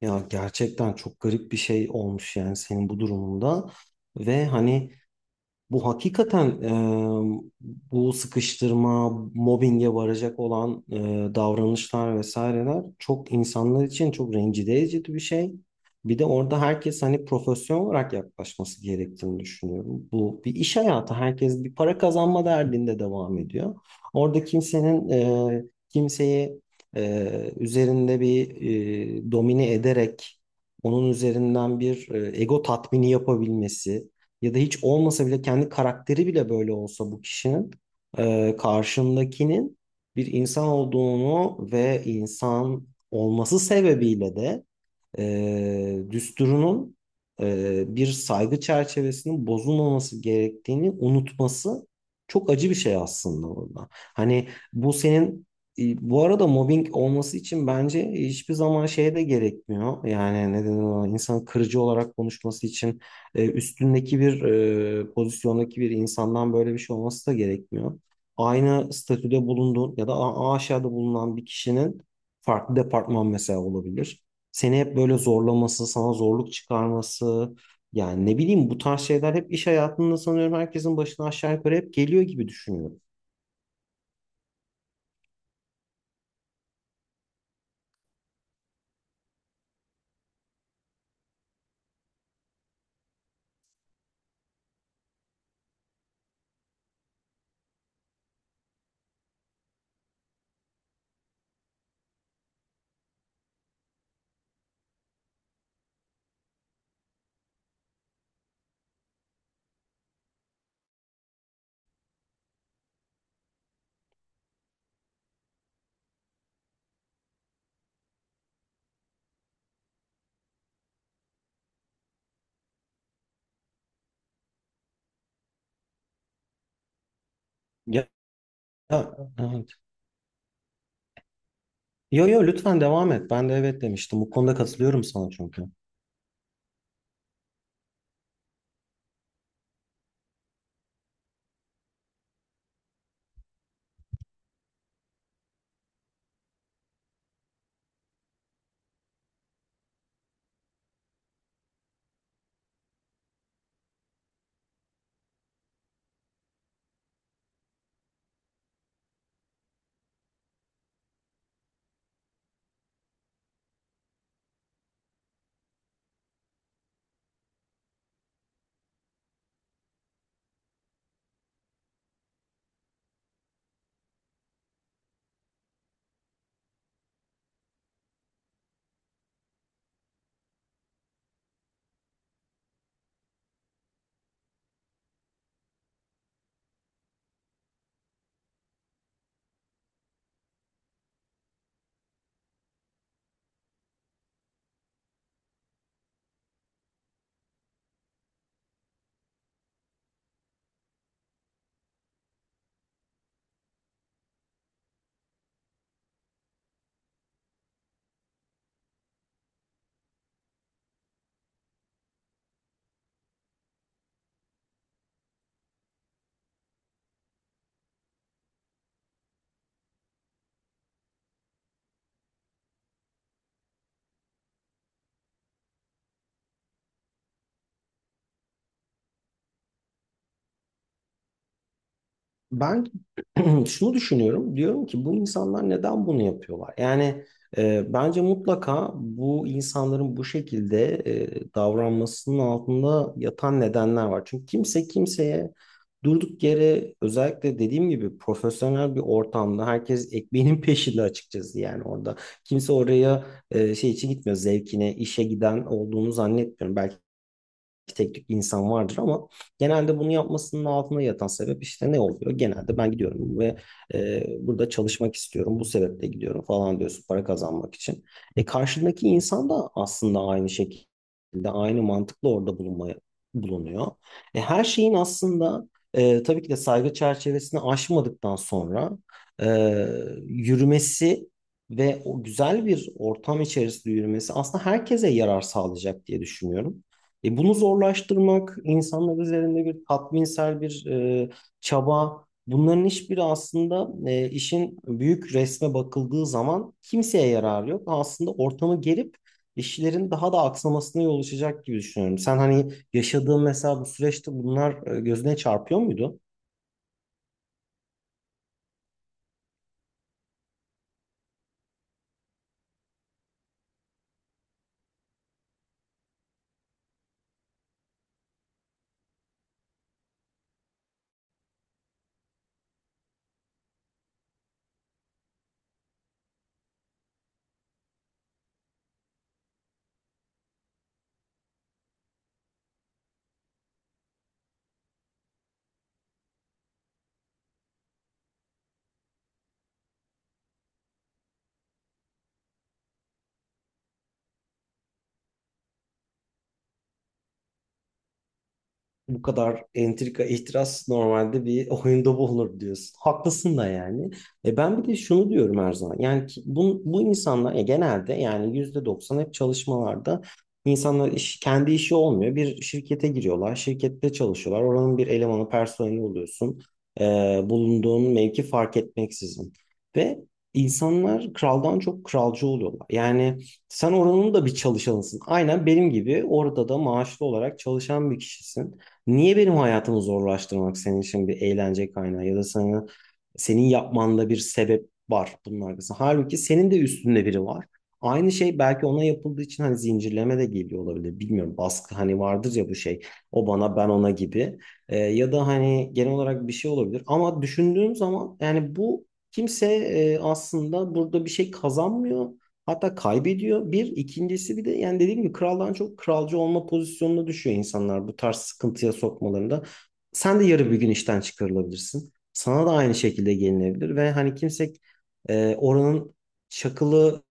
Ya gerçekten çok garip bir şey olmuş yani senin bu durumunda ve hani bu hakikaten bu sıkıştırma, mobbinge varacak olan davranışlar vesaireler çok insanlar için çok rencide edici bir şey. Bir de orada herkes hani profesyonel olarak yaklaşması gerektiğini düşünüyorum. Bu bir iş hayatı. Herkes bir para kazanma derdinde devam ediyor. Orada kimsenin kimseyi üzerinde bir domine ederek onun üzerinden bir ego tatmini yapabilmesi ya da hiç olmasa bile kendi karakteri bile böyle olsa bu kişinin karşındakinin bir insan olduğunu ve insan olması sebebiyle de düsturunun bir saygı çerçevesinin bozulmaması gerektiğini unutması çok acı bir şey aslında orada. Hani bu senin bu arada mobbing olması için bence hiçbir zaman şeye de gerekmiyor. Yani neden ona insan kırıcı olarak konuşması için üstündeki bir pozisyondaki bir insandan böyle bir şey olması da gerekmiyor. Aynı statüde bulunduğun ya da aşağıda bulunan bir kişinin farklı departman mesela olabilir seni hep böyle zorlaması, sana zorluk çıkarması, yani ne bileyim bu tarz şeyler hep iş hayatında sanıyorum herkesin başına aşağı yukarı hep geliyor gibi düşünüyorum. Ya, evet. Yo yo lütfen devam et. Ben de evet demiştim. Bu konuda katılıyorum sana çünkü. Ben şunu düşünüyorum. Diyorum ki bu insanlar neden bunu yapıyorlar? Yani bence mutlaka bu insanların bu şekilde davranmasının altında yatan nedenler var. Çünkü kimse kimseye durduk yere özellikle dediğim gibi profesyonel bir ortamda herkes ekmeğinin peşinde açıkçası yani orada. Kimse oraya şey için gitmiyor zevkine, işe giden olduğunu zannetmiyorum. Belki tek tük insan vardır ama genelde bunu yapmasının altında yatan sebep işte ne oluyor? Genelde ben gidiyorum ve burada çalışmak istiyorum. Bu sebeple gidiyorum falan diyorsun para kazanmak için. E karşındaki insan da aslında aynı şekilde aynı mantıkla orada bulunuyor. E, her şeyin aslında tabii ki de saygı çerçevesini aşmadıktan sonra e, yürümesi ve o güzel bir ortam içerisinde yürümesi aslında herkese yarar sağlayacak diye düşünüyorum. E, bunu zorlaştırmak, insanlar üzerinde bir tatminsel bir çaba, bunların hiçbiri aslında işin büyük resme bakıldığı zaman kimseye yarar yok. Aslında ortamı gerip işlerin daha da aksamasına yol açacak gibi düşünüyorum. Sen hani yaşadığın mesela bu süreçte bunlar gözüne çarpıyor muydu? Bu kadar entrika, ihtiras normalde bir oyunda bulunur diyorsun. Haklısın da yani. E ben bir de şunu diyorum her zaman. Bu insanlar genelde yani %90 hep çalışmalarda insanlar iş, kendi işi olmuyor. Bir şirkete giriyorlar, şirkette çalışıyorlar. Oranın bir elemanı, personeli oluyorsun. E, bulunduğun mevki fark etmeksizin. Ve insanlar kraldan çok kralcı oluyorlar. Yani sen oranın da bir çalışanısın. Aynen benim gibi orada da maaşlı olarak çalışan bir kişisin. Niye benim hayatımı zorlaştırmak senin için bir eğlence kaynağı ya da senin yapmanda bir sebep var bunun arkasında. Halbuki senin de üstünde biri var. Aynı şey belki ona yapıldığı için hani zincirleme de geliyor olabilir. Bilmiyorum baskı hani vardır ya bu şey. O bana ben ona gibi. Ya da hani genel olarak bir şey olabilir. Ama düşündüğüm zaman yani bu kimse aslında burada bir şey kazanmıyor. Hatta kaybediyor. İkincisi bir de yani dediğim gibi kraldan çok kralcı olma pozisyonuna düşüyor insanlar bu tarz sıkıntıya sokmalarında. Sen de yarı bir gün işten çıkarılabilirsin. Sana da aynı şekilde gelinebilir ve hani kimse oranın çakılı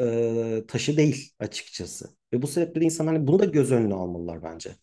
taşı değil açıkçası. Ve bu sebeple de insanlar hani bunu da göz önüne almalılar bence.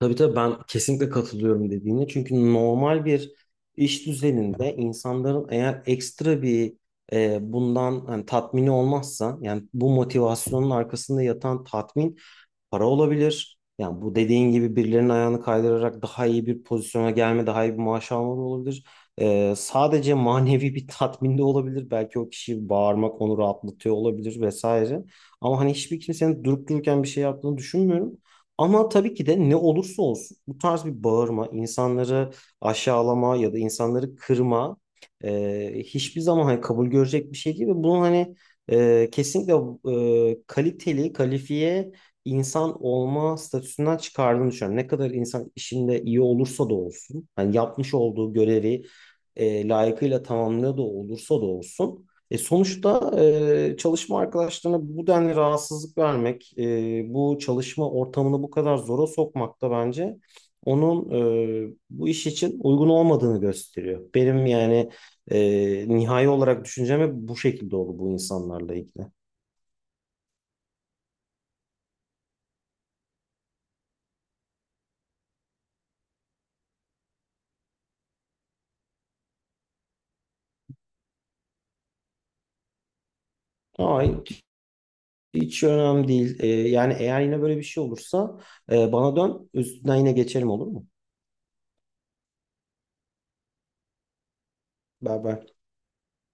Tabii tabii ben kesinlikle katılıyorum dediğine. Çünkü normal bir iş düzeninde insanların eğer ekstra bir bundan hani tatmini olmazsa yani bu motivasyonun arkasında yatan tatmin para olabilir. Yani bu dediğin gibi birilerinin ayağını kaydırarak daha iyi bir pozisyona gelme, daha iyi bir maaş alma da olabilir. E, sadece manevi bir tatmin de olabilir. Belki o kişi bağırmak onu rahatlatıyor olabilir vesaire. Ama hani hiçbir kimsenin durup dururken bir şey yaptığını düşünmüyorum. Ama tabii ki de ne olursa olsun bu tarz bir bağırma, insanları aşağılama ya da insanları kırma hiçbir zaman hani kabul görecek bir şey değil ve bunun hani kesinlikle kaliteli, kalifiye insan olma statüsünden çıkardığını düşünüyorum. Ne kadar insan işinde iyi olursa da olsun, hani yapmış olduğu görevi layıkıyla tamamlıyor da olursa da olsun. E sonuçta çalışma arkadaşlarına bu denli rahatsızlık vermek, bu çalışma ortamını bu kadar zora sokmak da bence onun bu iş için uygun olmadığını gösteriyor. Benim yani nihai olarak düşüncem hep bu şekilde oldu bu insanlarla ilgili. Ay, hiç önemli değil. E, yani eğer yine böyle bir şey olursa bana dön, üstünden yine geçelim olur mu? Beraber.